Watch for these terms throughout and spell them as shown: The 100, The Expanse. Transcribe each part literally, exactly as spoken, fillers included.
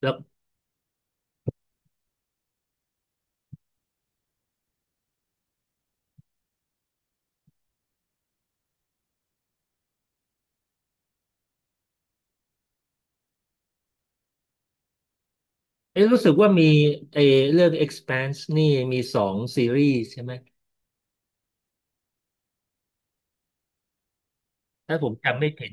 แล้วเอ๊ะรู้สึกว่ามีเออเรื่อง Expanse นี่มีสองซีรีส์ใช่ไหมถ้าผมจำไม่ผิด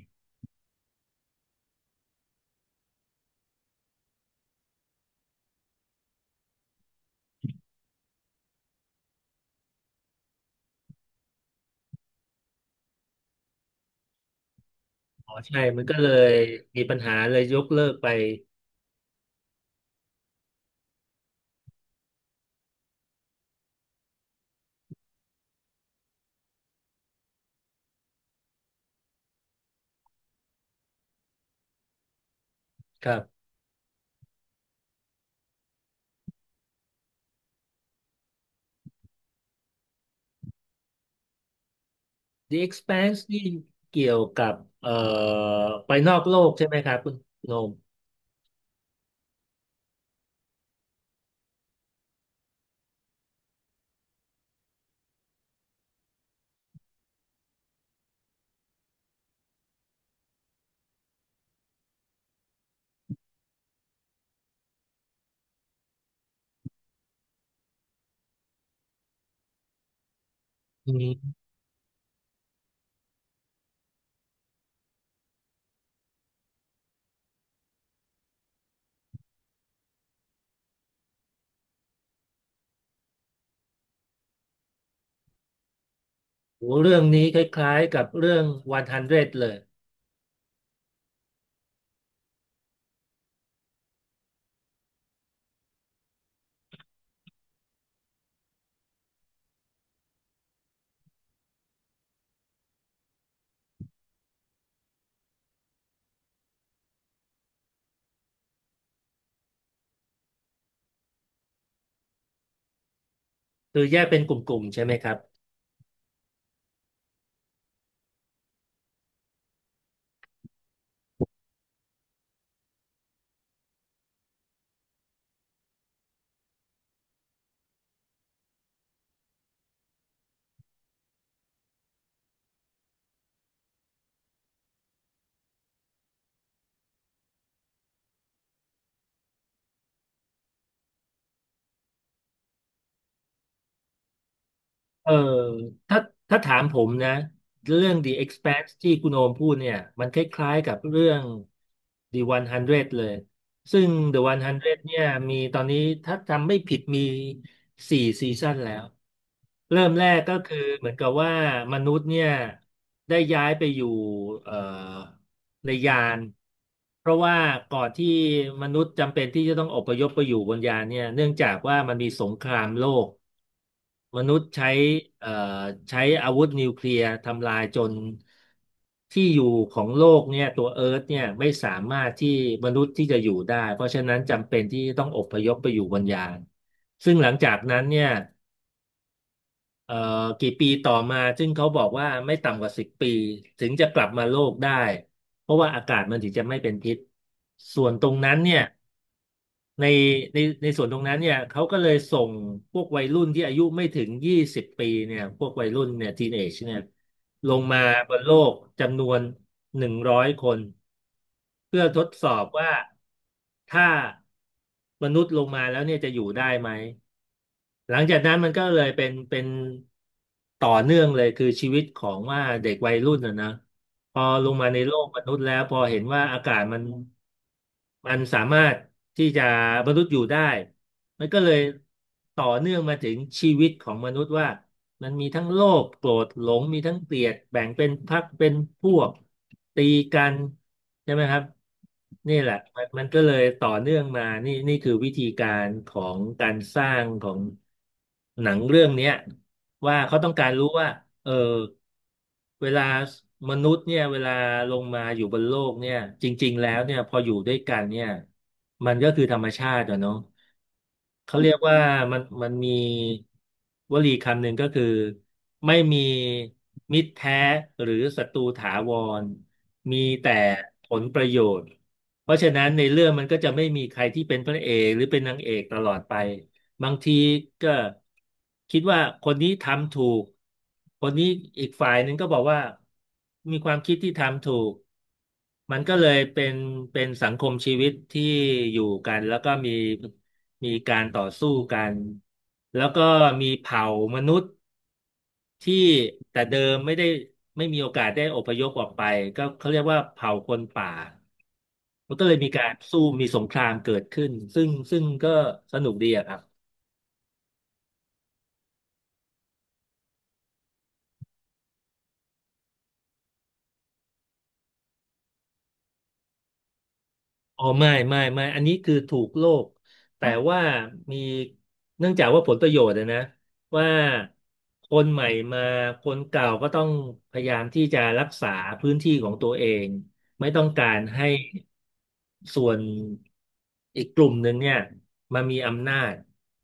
อ๋อใช่มันก็เลยมีปัญหาเลยยกเลิกไปครับ The Expanse นี่เกี่ยวกับเอ่อไปนอกโลกใช่ไหมครับคุณโนมอืมโหเรื่องนี้คล้ายๆกับเรื่องหนึ่งร้อยเลยคือแยกเป็นกลุ่มๆใช่ไหมครับ เออถ้าถ้าถามผมนะเรื่อง The Expanse ที่คุณโอมพูดเนี่ยมันคล้ายๆกับเรื่อง The หนึ่งร้อยเลยซึ่ง The หนึ่งร้อยเนี่ยมีตอนนี้ถ้าจำไม่ผิดมีสี่ซีซั่นแล้วเริ่มแรกก็คือเหมือนกับว่ามนุษย์เนี่ยได้ย้ายไปอยู่เอ่อในยานเพราะว่าก่อนที่มนุษย์จำเป็นที่จะต้องอพยพไปอยู่บนยานเนี่ยเนื่องจากว่ามันมีสงครามโลก มนุษย์ใช้เอ่อใช้อาวุธนิวเคลียร์ทำลายจนที่อยู่ของโลกเนี่ยตัวเอิร์ธเนี่ยไม่สามารถที่มนุษย์ที่จะอยู่ได้เพราะฉะนั้นจำเป็นที่ต้องอพยพไปอยู่บนยานซึ่งหลังจากนั้นเนี่ยเอ่อกี่ปีต่อมาซึ่งเขาบอกว่าไม่ต่ำกว่าสิบปีถึงจะกลับมาโลกได้เพราะว่าอากาศมันถึงจะไม่เป็นพิษส่วนตรงนั้นเนี่ย ในในในส่วนตรงนั้นเนี่ยเขาก็เลยส่งพวกวัยรุ่นที่อายุไม่ถึงยี่สิบปีเนี่ยพวกวัยรุ่นเนี่ยทีนเอจเนี่ยลงมาบนโลกจำนวนหนึ่งร้อยคนเพื่อทดสอบว่าถ้ามนุษย์ลงมาแล้วเนี่ยจะอยู่ได้ไหมหลังจากนั้นมันก็เลยเป็นเป็นต่อเนื่องเลยคือชีวิตของว่าเด็กวัยรุ่นนะนะพอลงมาในโลกมนุษย์แล้วพอเห็นว่าอากาศมัน มันสามารถที่จะมนุษย์อยู่ได้มันก็เลยต่อเนื่องมาถึงชีวิตของมนุษย์ว่ามันมีทั้งโลภโกรธหลงมีทั้งเกลียดแบ่งเป็นพรรคเป็นพวกตีกันใช่ไหมครับนี่แหละมันมันก็เลยต่อเนื่องมานี่นี่คือวิธีการของการสร้างของหนังเรื่องเนี้ยว่าเขาต้องการรู้ว่าเออ เวลามนุษย์เนี่ยเวลาลงมาอยู่บนโลกเนี่ยจริงๆแล้วเนี่ยพออยู่ด้วยกันเนี่ยมันก็คือธรรมชาติอะเนาะเขาเรียกว่ามันมันมีวลีคำหนึ่งก็คือไม่มีมิตรแท้หรือศัตรูถาวรมีแต่ผลประโยชน์เพราะฉะนั้นในเรื่องมันก็จะไม่มีใครที่เป็นพระเอกหรือเป็นนางเอกตลอดไป บางทีก็คิดว่าคนนี้ทำถูก คนนี้อีกฝ่ายหนึ่งก็บอกว่ามีความคิดที่ทำถูกมันก็เลยเป็นเป็นสังคมชีวิตที่อยู่กันแล้วก็มีมีการต่อสู้กันแล้วก็มีเผ่ามนุษย์ที่แต่เดิมไม่ได้ไม่มีโอกาสได้อพยพออกไปก็เขาเรียกว่าเผ่าคนป่ามันก็เลยมีการสู้มีสงครามเกิดขึ้นซึ่งซึ่งก็สนุกดีอะครับ อ๋อไม่ไม่ไม่อันนี้คือถูกโลกแต่ว่ามีเนื่องจากว่าผลประโยชน์อะนะว่าคนใหม่มาคนเก่าก็ต้องพยายามที่จะรักษาพื้นที่ของตัวเองไม่ต้องการให้ส่วนอีกกลุ่มหนึ่งเนี่ยมามีอำนาจ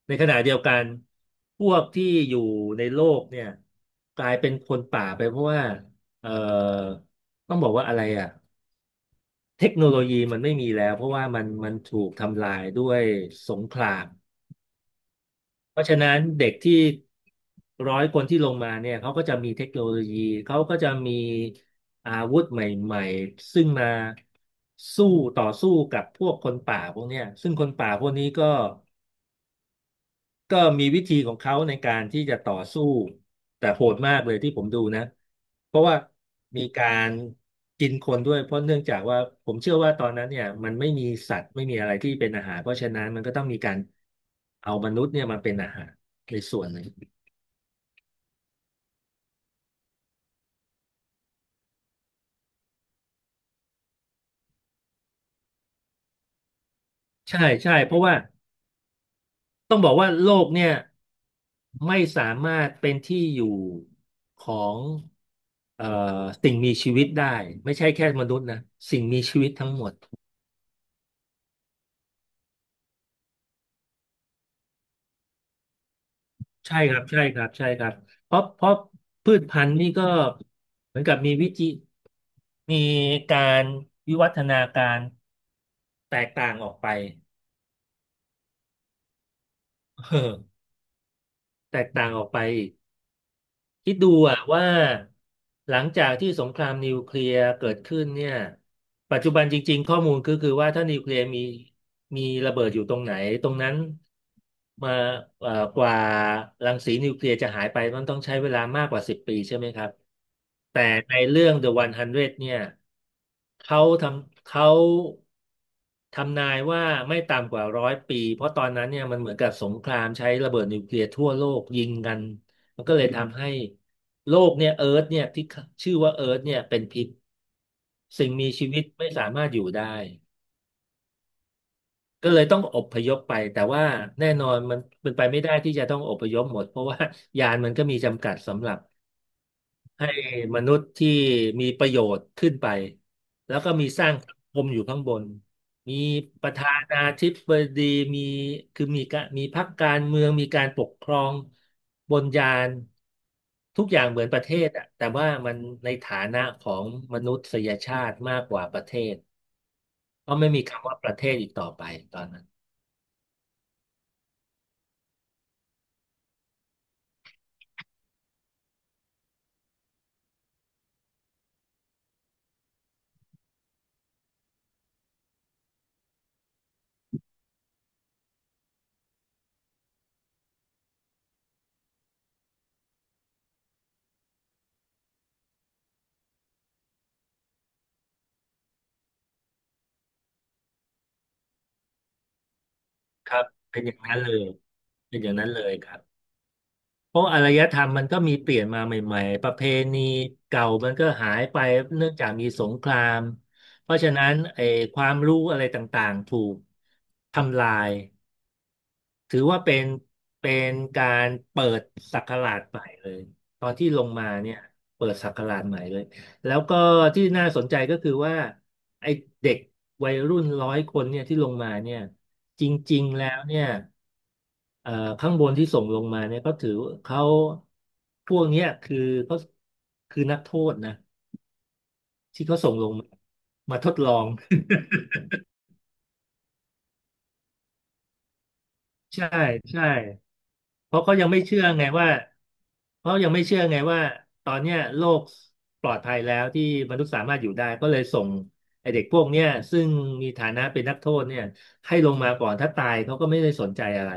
ในขณะเดียวกันพวกที่อยู่ในโลกเนี่ยกลายเป็นคนป่าไปเพราะว่าเอ่อต้องบอกว่าอะไรอ่ะ เทคโนโลยีมันไม่มีแล้วเพราะว่ามันมันถูกทำลายด้วยสงคราม เพราะฉะนั้นเด็กที่ร้อยคนที่ลงมาเนี่ยเขาก็จะมีเทคโนโลยีเขาก็จะมีอาวุธใหม่ๆซึ่งมาสู้ต่อสู้กับพวกคนป่าพวกเนี้ยซึ่งคนป่าพวกนี้ก็ ก็มีวิธีของเขาในการที่จะต่อสู้แต่โหดมากเลยที่ผมดูนะเพราะว่ามีการกินคนด้วยเพราะเนื่องจากว่าผมเชื่อว่าตอนนั้นเนี่ยมันไม่มีสัตว์ไม่มีอะไรที่เป็นอาหารเพราะฉะนั้นมันก็ต้องมีการเอามนุษย์เนี่ยมาเป็นอาหารในส่วนหนึ่งใช่ใช่เพราะว่าต้องบอกว่าโลกเนี่ยไม่สามารถเป็นที่อยู่ของเอ่อสิ่งมีชีวิตได้ไม่ใช่แค่มนุษย์นะสิ่งมีชีวิตทั้งหมด ใช่ครับใช่ครับใช่ครับเพราะเพราะพืชพันธุ์นี่ก็เหมือนกับมีวิจิมีการวิวัฒนาการแตกต่างออกไปเออแตกต่างออกไป คิดดูอะว่าหลังจากที่สงครามนิวเคลียร์เกิดขึ้นเนี่ยปัจจุบันจริงๆข้อมูลคือคือว่าถ้านิวเคลียร์มีมีระเบิดอยู่ตรงไหนตรงนั้นมาเอ่อกว่ารังสีนิวเคลียร์จะหายไปมันต้องใช้เวลามากกว่าสิบปีใช่ไหมครับแต่ในเรื่อง The หนึ่งร้อยเนี่ยเขาทำเขาทำนายว่าไม่ต่ำกว่าร้อยปีเพราะตอนนั้นเนี่ยมันเหมือนกับสงครามใช้ระเบิดนิวเคลียร์ทั่วโลกยิงกัน มันก็เลยทำให้โลกเนี่ยเอิร์ธเนี่ยที่ชื่อว่าเอิร์ธเนี่ยเป็นพิษสิ่งมีชีวิตไม่สามารถอยู่ได้ก็เลยต้องอพยพไปแต่ว่าแน่นอนมันเป็นไปไม่ได้ที่จะต้องอพยพหมดเพราะว่า ยานมันก็มีจำกัดสำหรับ ให้มนุษย์ที่มีประโยชน์ขึ้นไปแล้วก็มีสร้างสังคมอยู่ข้างบนมีประธานาธิบดีมีคือมีกะมีพรรคการเมืองมีการปกครองบนยานทุกอย่างเหมือนประเทศอะแต่ว่ามันในฐานะของมนุษยชาติมากกว่าประเทศเพราะไม่มีคำว่าประเทศอีกต่อไปตอนนั้นครับเป็นอย่างนั้นเลยเป็นอย่างนั้นเลยครับ เพราะอารยธรรมมันก็มีเปลี่ยนมาใหม่ๆ ประเพณีเก่ามันก็หายไปเนื่องจากมีสงคราม เพราะฉะนั้นไอ้ความรู้อะไรต่างๆถูกทำลาย ถือว่าเป็นเป็นการเปิดศักราชใหม่เลยตอนที่ลงมาเนี่ยเปิดศักราชใหม่เลยแล้วก็ที่น่าสนใจก็คือว่าไอ้เด็กวัยรุ่นร้อยคนเนี่ยที่ลงมาเนี่ยจริงๆแล้วเนี่ยเอ่อข้างบนที่ส่งลงมาเนี่ยก็ถือเขาพวกเนี้ยคือเขาคือนักโทษนะที่เขาส่งลงมามาทดลอง ใช่ใช่ เพราะเขายังไม่เชื่อไงว่าเพราะยังไม่เชื่อไงว่าตอนเนี้ยโลกปลอดภัยแล้วที่มนุษย์สามารถอยู่ได้ก็เลยส่งไอเด็กพวกเนี้ยซึ่งมีฐานะเป็นนักโทษเนี่ยให้ลงมาก่อนถ้าตายเขาก็ไม่ได้สนใจอะไร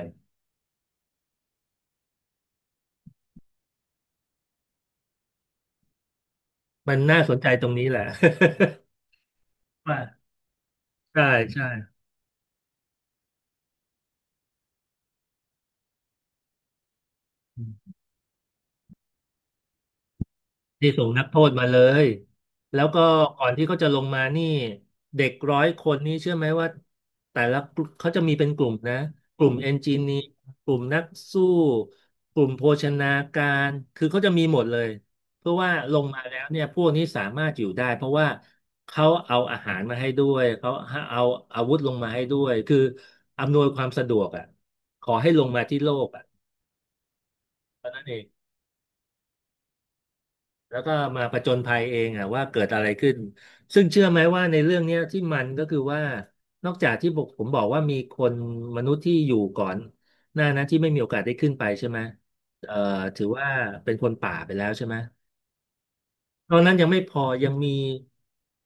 มันน่าสนใจตรงนี้แหละ ว่าใช่ใช่ ที่ส่งนักโทษมาเลยแล้วก็ก่อนที่เขาจะลงมานี่เด็กร้อยคนนี่เชื่อไหมว่าแต่ละกลุ่มเขาจะมีเป็นกลุ่มนะกลุ่มเอนจิเนียร์กลุ่มนักสู้กลุ่มโภชนาการคือเขาจะมีหมดเลยเพื่อว่าลงมาแล้วเนี่ยพวกนี้สามารถอยู่ได้เพราะว่าเขาเอาอาหารมาให้ด้วยเขาเอาอาวุธลงมาให้ด้วยคืออำนวยความสะดวกอ่ะขอให้ลงมาที่โลกอ่ะเท่านั้นเอง แล้วก็มาผจญภัยเองอ่ะว่าเกิดอะไรขึ้นซึ่งเชื่อไหมว่าในเรื่องเนี้ยที่มันก็คือว่านอกจากที่บอกผมบอกว่ามีคนมนุษย์ที่อยู่ก่อนหน้านั้นที่ไม่มีโอกาสได้ขึ้นไปใช่ไหมเอ่อถือว่าเป็นคนป่าไปแล้วใช่ไหมตอนนั้นยังไม่พอยังมี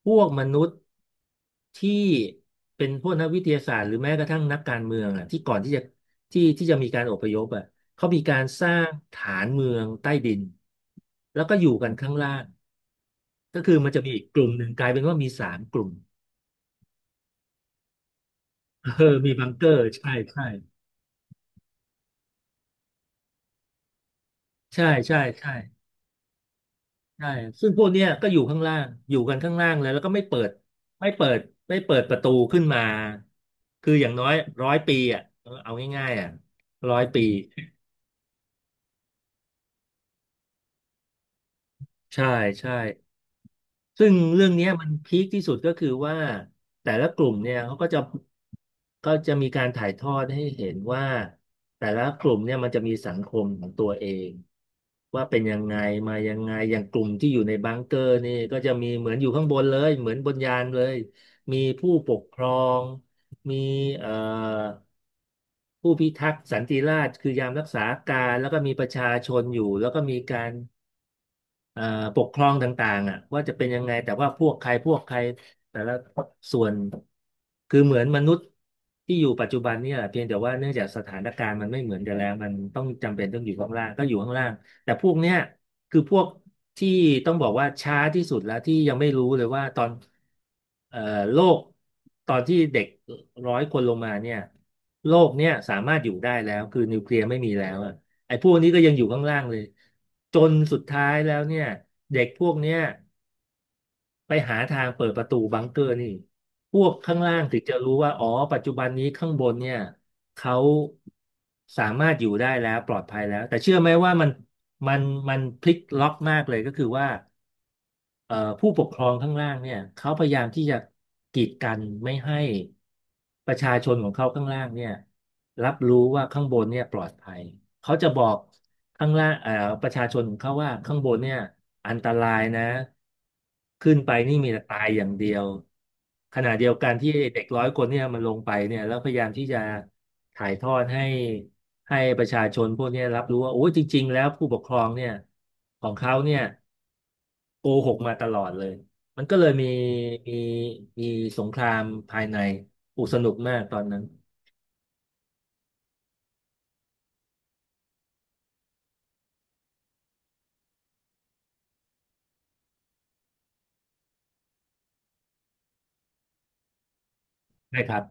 พวกมนุษย์ที่เป็นพวกนักวิทยาศาสตร์หรือแม้กระทั่งนักการเมืองอ่ะที่ก่อนที่จะที่ที่จะมีการอพยพอ่ะเขามีการสร้างฐานเมืองใต้ดินแล้วก็อยู่กันข้างล่าง ก็คือมันจะมีอีกกลุ่มหนึ่งกลายเป็นว่ามีสามกลุ่ม เออมีบังเกอร์ใช่ใช่ใช่ใช่ใช่ใช่ซึ่งพวกเนี้ยก็อยู่ข้างล่างอยู่กันข้างล่างเลยแล้วก็ไม่เปิดไม่เปิดไม่เปิดประตูขึ้นมา คืออย่างน้อยร้อยปีอ่ะเอาง่ายๆอ่ะร้อยปีใช่ใช่ ซึ่งเรื่องเนี้ยมันพีคที่สุดก็คือว่าแต่ละกลุ่มเนี่ยเขาก็จะก็จะมีการถ่ายทอดให้เห็นว่าแต่ละกลุ่มเนี่ยมันจะมีสังคมของตัวเองว่าเป็นยังไงมายังไงอย่างกลุ่มที่อยู่ในบังเกอร์นี่ก็จะมีเหมือนอยู่ข้างบนเลยเหมือนบนยานเลยมีผู้ปกครองมีเอ่อผู้พิทักษ์สันติราษฎร์คือยามรักษาการแล้วก็มีประชาชนอยู่แล้วก็มีการ เอ่อปกครองต่างๆอ่ะว่าจะเป็นยังไงแต่ว่าพวกใครพวกใครแต่ละส่วนคือเหมือนมนุษย์ที่อยู่ปัจจุบันเนี่ยแหละเพียงแต่ว่าเนื่องจากสถานการณ์มันไม่เหมือนกันแล้วมันต้องจำเป็นต้องอยู่ข้างล่างก็อยู่ข้างล่างแต่พวกเนี้ยคือพวกที่ต้องบอกว่าช้าที่สุดแล้วที่ยังไม่รู้เลยว่าตอนเอ่อโลกตอนที่เด็กร้อยคนลงมาเนี่ยโลกเนี่ยสามารถอยู่ได้แล้วคือนิวเคลียร์ไม่มีแล้วอะ ไอ้พวกนี้ก็ยังอยู่ข้างล่างเลยจนสุดท้ายแล้วเนี่ยเด็กพวกเนี้ยไปหาทางเปิดประตูบังเกอร์นี่พวกข้างล่างถึงจะรู้ว่าอ๋อปัจจุบันนี้ข้างบนเนี่ยเขาสามารถอยู่ได้แล้วปลอดภัยแล้วแต่เชื่อไหมว่ามันมันมันพลิกล็อกมากเลยก็คือว่า เอ่อผู้ปกครองข้างล่างเนี่ยเขาพยายามที่จะกีดกันไม่ให้ประชาชนของเขาข้างล่างเนี่ยรับรู้ว่าข้างบนเนี่ยปลอดภัยเขาจะบอกข้างล่างเอ่อประชาชนของเขาว่าข้างบนเนี่ยอันตรายนะขึ้นไปนี่มีแต่ตายอย่างเดียวขณะเดียวกันที่เด็กร้อยคนเนี่ยมันลงไปเนี่ยแล้วพยายามที่จะถ่ายทอดให้ให้ประชาชนพวกเนี้ยรับรู้ว่าโอ้ยจริงๆแล้วผู้ปกครองเนี่ยของเขาเนี่ย โกหกมาตลอดเลย มันก็เลยมีมีมีสงครามภายในอุกสนุกมากตอนนั้นใช่ครับ